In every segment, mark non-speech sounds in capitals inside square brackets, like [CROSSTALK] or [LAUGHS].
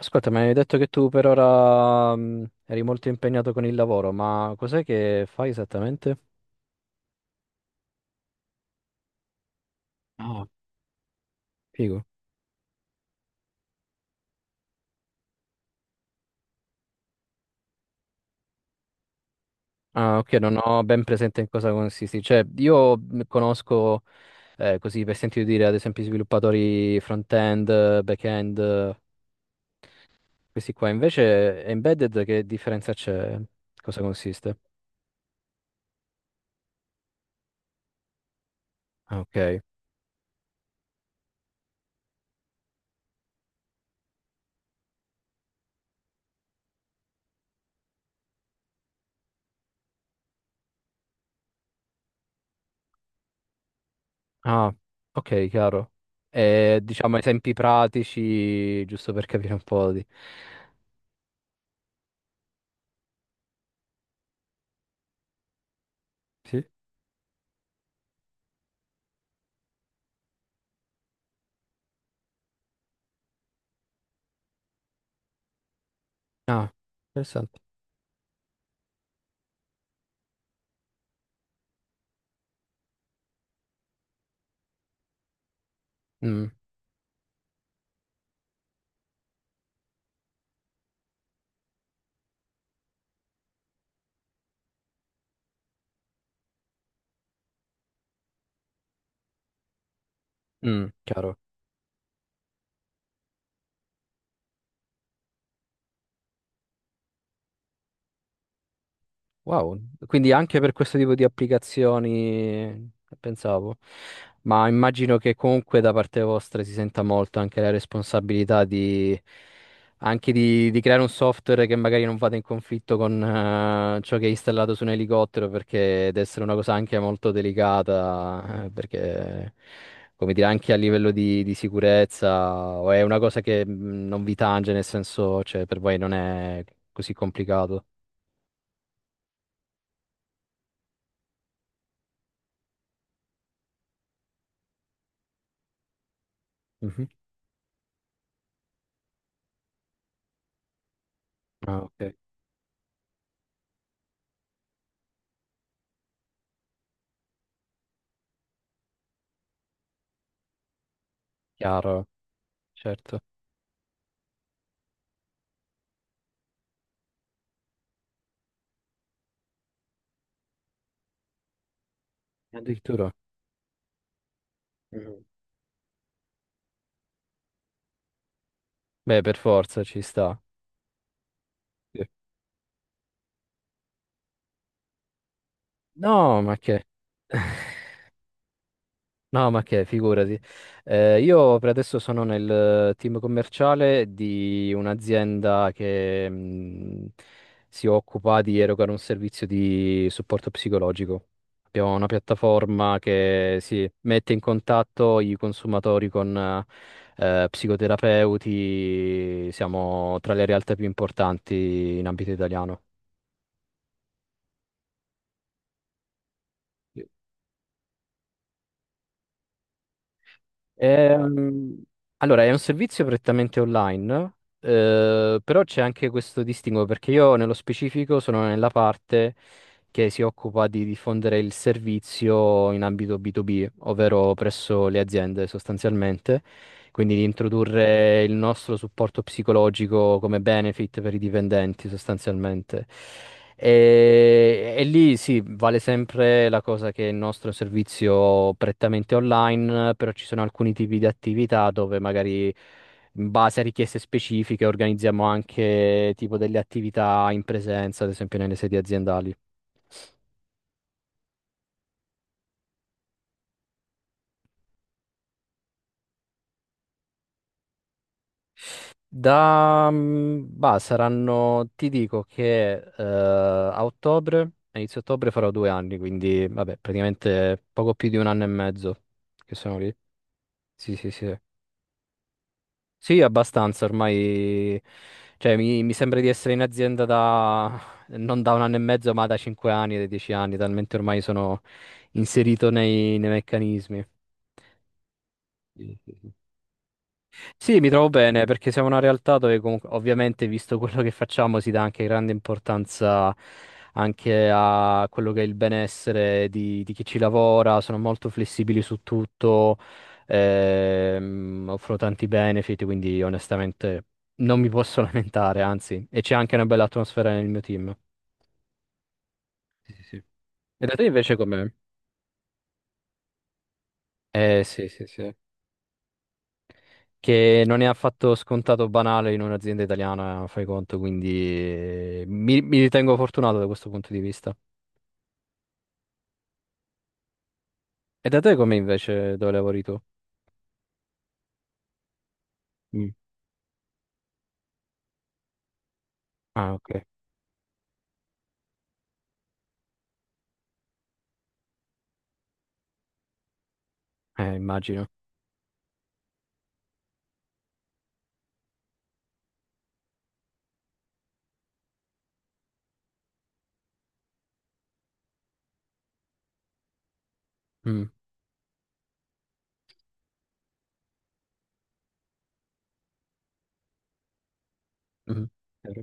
Ascolta, mi hai detto che tu per ora eri molto impegnato con il lavoro, ma cos'è che fai esattamente? Ah, figo. Ah, ok, non ho ben presente in cosa consisti. Cioè, io conosco, così per sentito dire, ad esempio, i sviluppatori front-end, back-end, questi qua. Invece, embedded, che differenza c'è? Cosa consiste? Ah, ok. Ah, ok, chiaro. E, diciamo, esempi pratici, giusto per capire un po' di... Sì? Ah, interessante. Mm, mm, chiaro. Wow, quindi anche per questo tipo di applicazioni eh, pensavo, ma immagino che comunque da parte vostra si senta molto anche la responsabilità di, anche di creare un software che magari non vada in conflitto con ciò che è installato su un elicottero, perché deve essere una cosa anche molto delicata, perché come dire anche a livello di sicurezza, o è una cosa che non vi tange, nel senso, cioè per voi non è così complicato. Mhm. Ah, ok. Chiaro, certo. Addirittura. Mhm. Beh, per forza ci sta. Sì. No, ma che? No, ma che, figurati. Io per adesso sono nel team commerciale di un'azienda che si occupa di erogare un servizio di supporto psicologico. Abbiamo una piattaforma che si mette in contatto i consumatori con psicoterapeuti. Siamo tra le realtà più importanti in ambito italiano. Ehm, allora, è un servizio prettamente online, però c'è anche questo distinguo perché io nello specifico sono nella parte che si occupa di diffondere il servizio in ambito B2B, ovvero presso le aziende sostanzialmente. Quindi di introdurre il nostro supporto psicologico come benefit per i dipendenti sostanzialmente. E lì sì, vale sempre la cosa che il nostro servizio prettamente online, però ci sono alcuni tipi di attività dove magari in base a richieste specifiche organizziamo anche tipo delle attività in presenza, ad esempio nelle sedi aziendali. Da, bah, saranno, ti dico che a ottobre, a inizio ottobre farò 2 anni, quindi vabbè, praticamente poco più di un anno e mezzo che sono lì. Sì, sì, sì. Sì, abbastanza, ormai, cioè mi sembra di essere in azienda da, non da un anno e mezzo, ma da 5 anni, da 10 anni, talmente ormai sono inserito nei meccanismi. Sì, sì, sì. Sì, mi trovo bene perché siamo una realtà dove comunque, ovviamente, visto quello che facciamo, si dà anche grande importanza anche a quello che è il benessere di chi ci lavora, sono molto flessibili su tutto, offro tanti benefit, quindi onestamente non mi posso [LAUGHS] lamentare, anzi, e c'è anche una bella atmosfera nel mio team. Sì, sì, sì. E da te invece com'è? Eh sì, sì, sì. Che non è affatto scontato o banale in un'azienda italiana, fai conto, quindi mi ritengo fortunato da questo punto di vista. E da te com'è invece dove lavori tu? Mm. Ah, ok, immagino. Mm, mm. Chiaro.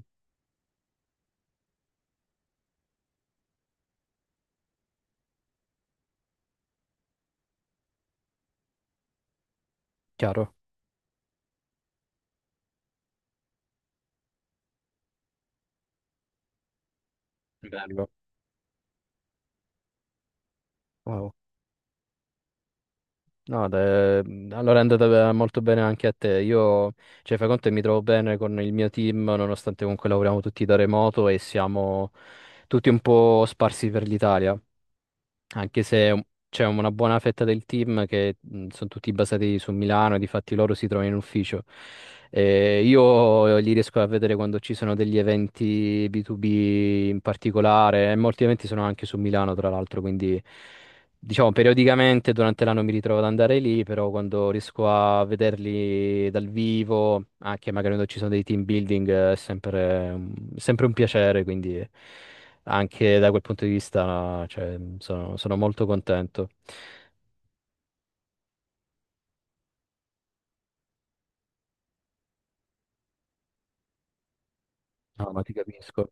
Chiaro. Bello. Wow. No, allora è andata molto bene anche a te. Io, cioè, fai conto che mi trovo bene con il mio team, nonostante comunque lavoriamo tutti da remoto e siamo tutti un po' sparsi per l'Italia. Anche se c'è una buona fetta del team che sono tutti basati su Milano, e difatti loro si trovano in ufficio. Io li riesco a vedere quando ci sono degli eventi B2B in particolare, e molti eventi sono anche su Milano, tra l'altro, quindi diciamo periodicamente durante l'anno mi ritrovo ad andare lì, però quando riesco a vederli dal vivo, anche magari quando ci sono dei team building, è sempre, sempre un piacere, quindi... Anche da quel punto di vista, cioè, sono molto contento. No, ma ti capisco,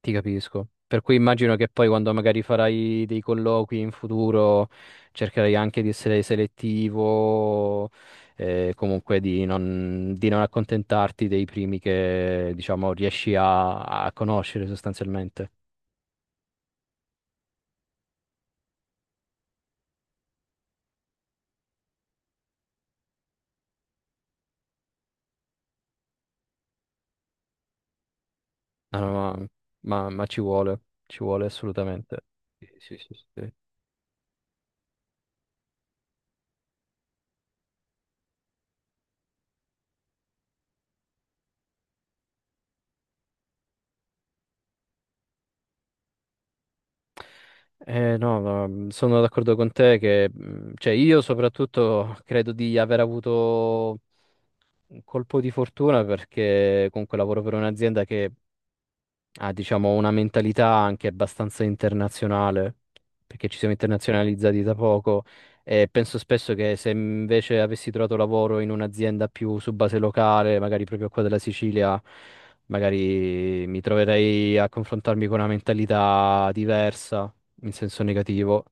ti capisco. Per cui immagino che poi quando magari farai dei colloqui in futuro cercherai anche di essere selettivo, comunque di non, accontentarti dei primi che, diciamo, riesci a conoscere sostanzialmente. No, no, ma ci vuole assolutamente. Sì, sì, sì, sì. No, ma sono d'accordo con te che, cioè, io soprattutto credo di aver avuto un colpo di fortuna perché comunque lavoro per un'azienda che ha, diciamo, una mentalità anche abbastanza internazionale, perché ci siamo internazionalizzati da poco e penso spesso che se invece avessi trovato lavoro in un'azienda più su base locale, magari proprio qua della Sicilia, magari mi troverei a confrontarmi con una mentalità diversa, in senso negativo.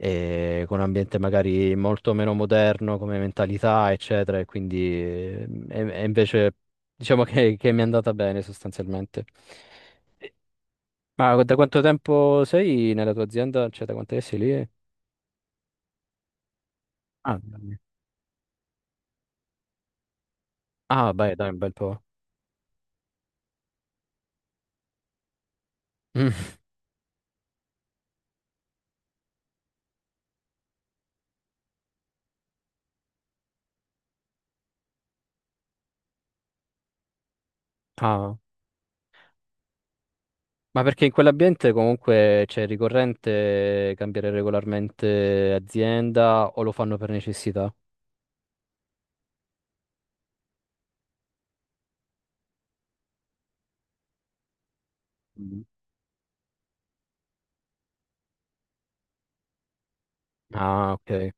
E con un ambiente magari molto meno moderno come mentalità, eccetera, e quindi e invece diciamo che mi è andata bene sostanzialmente. Ma da quanto tempo sei nella tua azienda? Cioè, da quanto sei lì? Ah, dai. Ah, beh, dai, un bel po'. Mm. Ah, ma perché in quell'ambiente comunque c'è ricorrente cambiare regolarmente azienda o lo fanno per necessità? Mm. Ah, ok.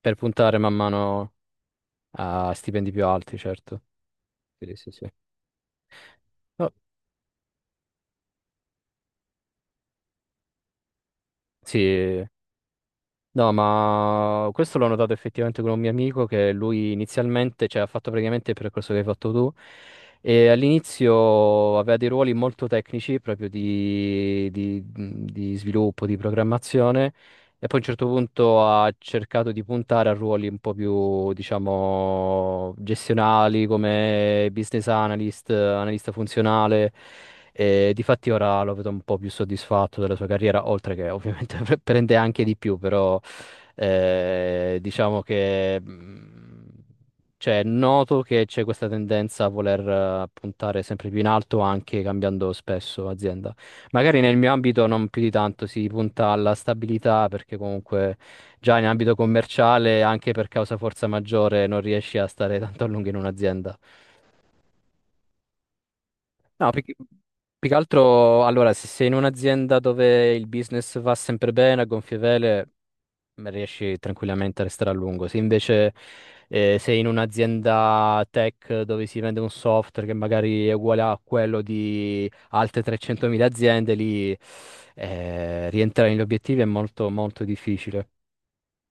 Per puntare man mano a stipendi più alti, certo. Sì, sì, sì. No, sì. No, ma questo l'ho notato effettivamente con un mio amico che lui inizialmente, cioè, ha fatto praticamente il percorso che hai fatto tu e all'inizio aveva dei ruoli molto tecnici proprio di sviluppo, di programmazione, e poi a un certo punto ha cercato di puntare a ruoli un po' più, diciamo, gestionali come business analyst, analista funzionale. E difatti ora lo vedo un po' più soddisfatto della sua carriera, oltre che ovviamente [LAUGHS] prende anche di più, però... diciamo che cioè, è noto che c'è questa tendenza a voler puntare sempre più in alto, anche cambiando spesso azienda. Magari nel mio ambito non più di tanto, si punta alla stabilità perché comunque già in ambito commerciale, anche per causa forza maggiore, non riesci a stare tanto a lungo in un'azienda. No, più che altro, allora, se sei in un'azienda dove il business va sempre bene, a gonfie vele, riesci tranquillamente a restare a lungo. Se invece sei in un'azienda tech dove si vende un software che magari è uguale a quello di altre 300.000 aziende, lì rientrare negli obiettivi è molto, molto difficile.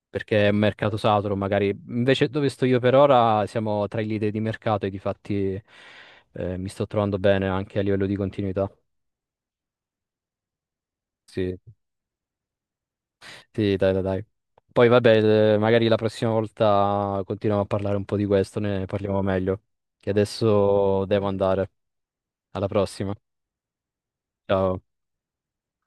Perché è un mercato saturo, magari. Invece dove sto io per ora siamo tra i leader di mercato e di fatti mi sto trovando bene anche a livello di continuità. Sì. Sì, dai, dai, dai. Poi vabbè, magari la prossima volta continuiamo a parlare un po' di questo, ne parliamo meglio. Che adesso devo andare. Alla prossima. Ciao.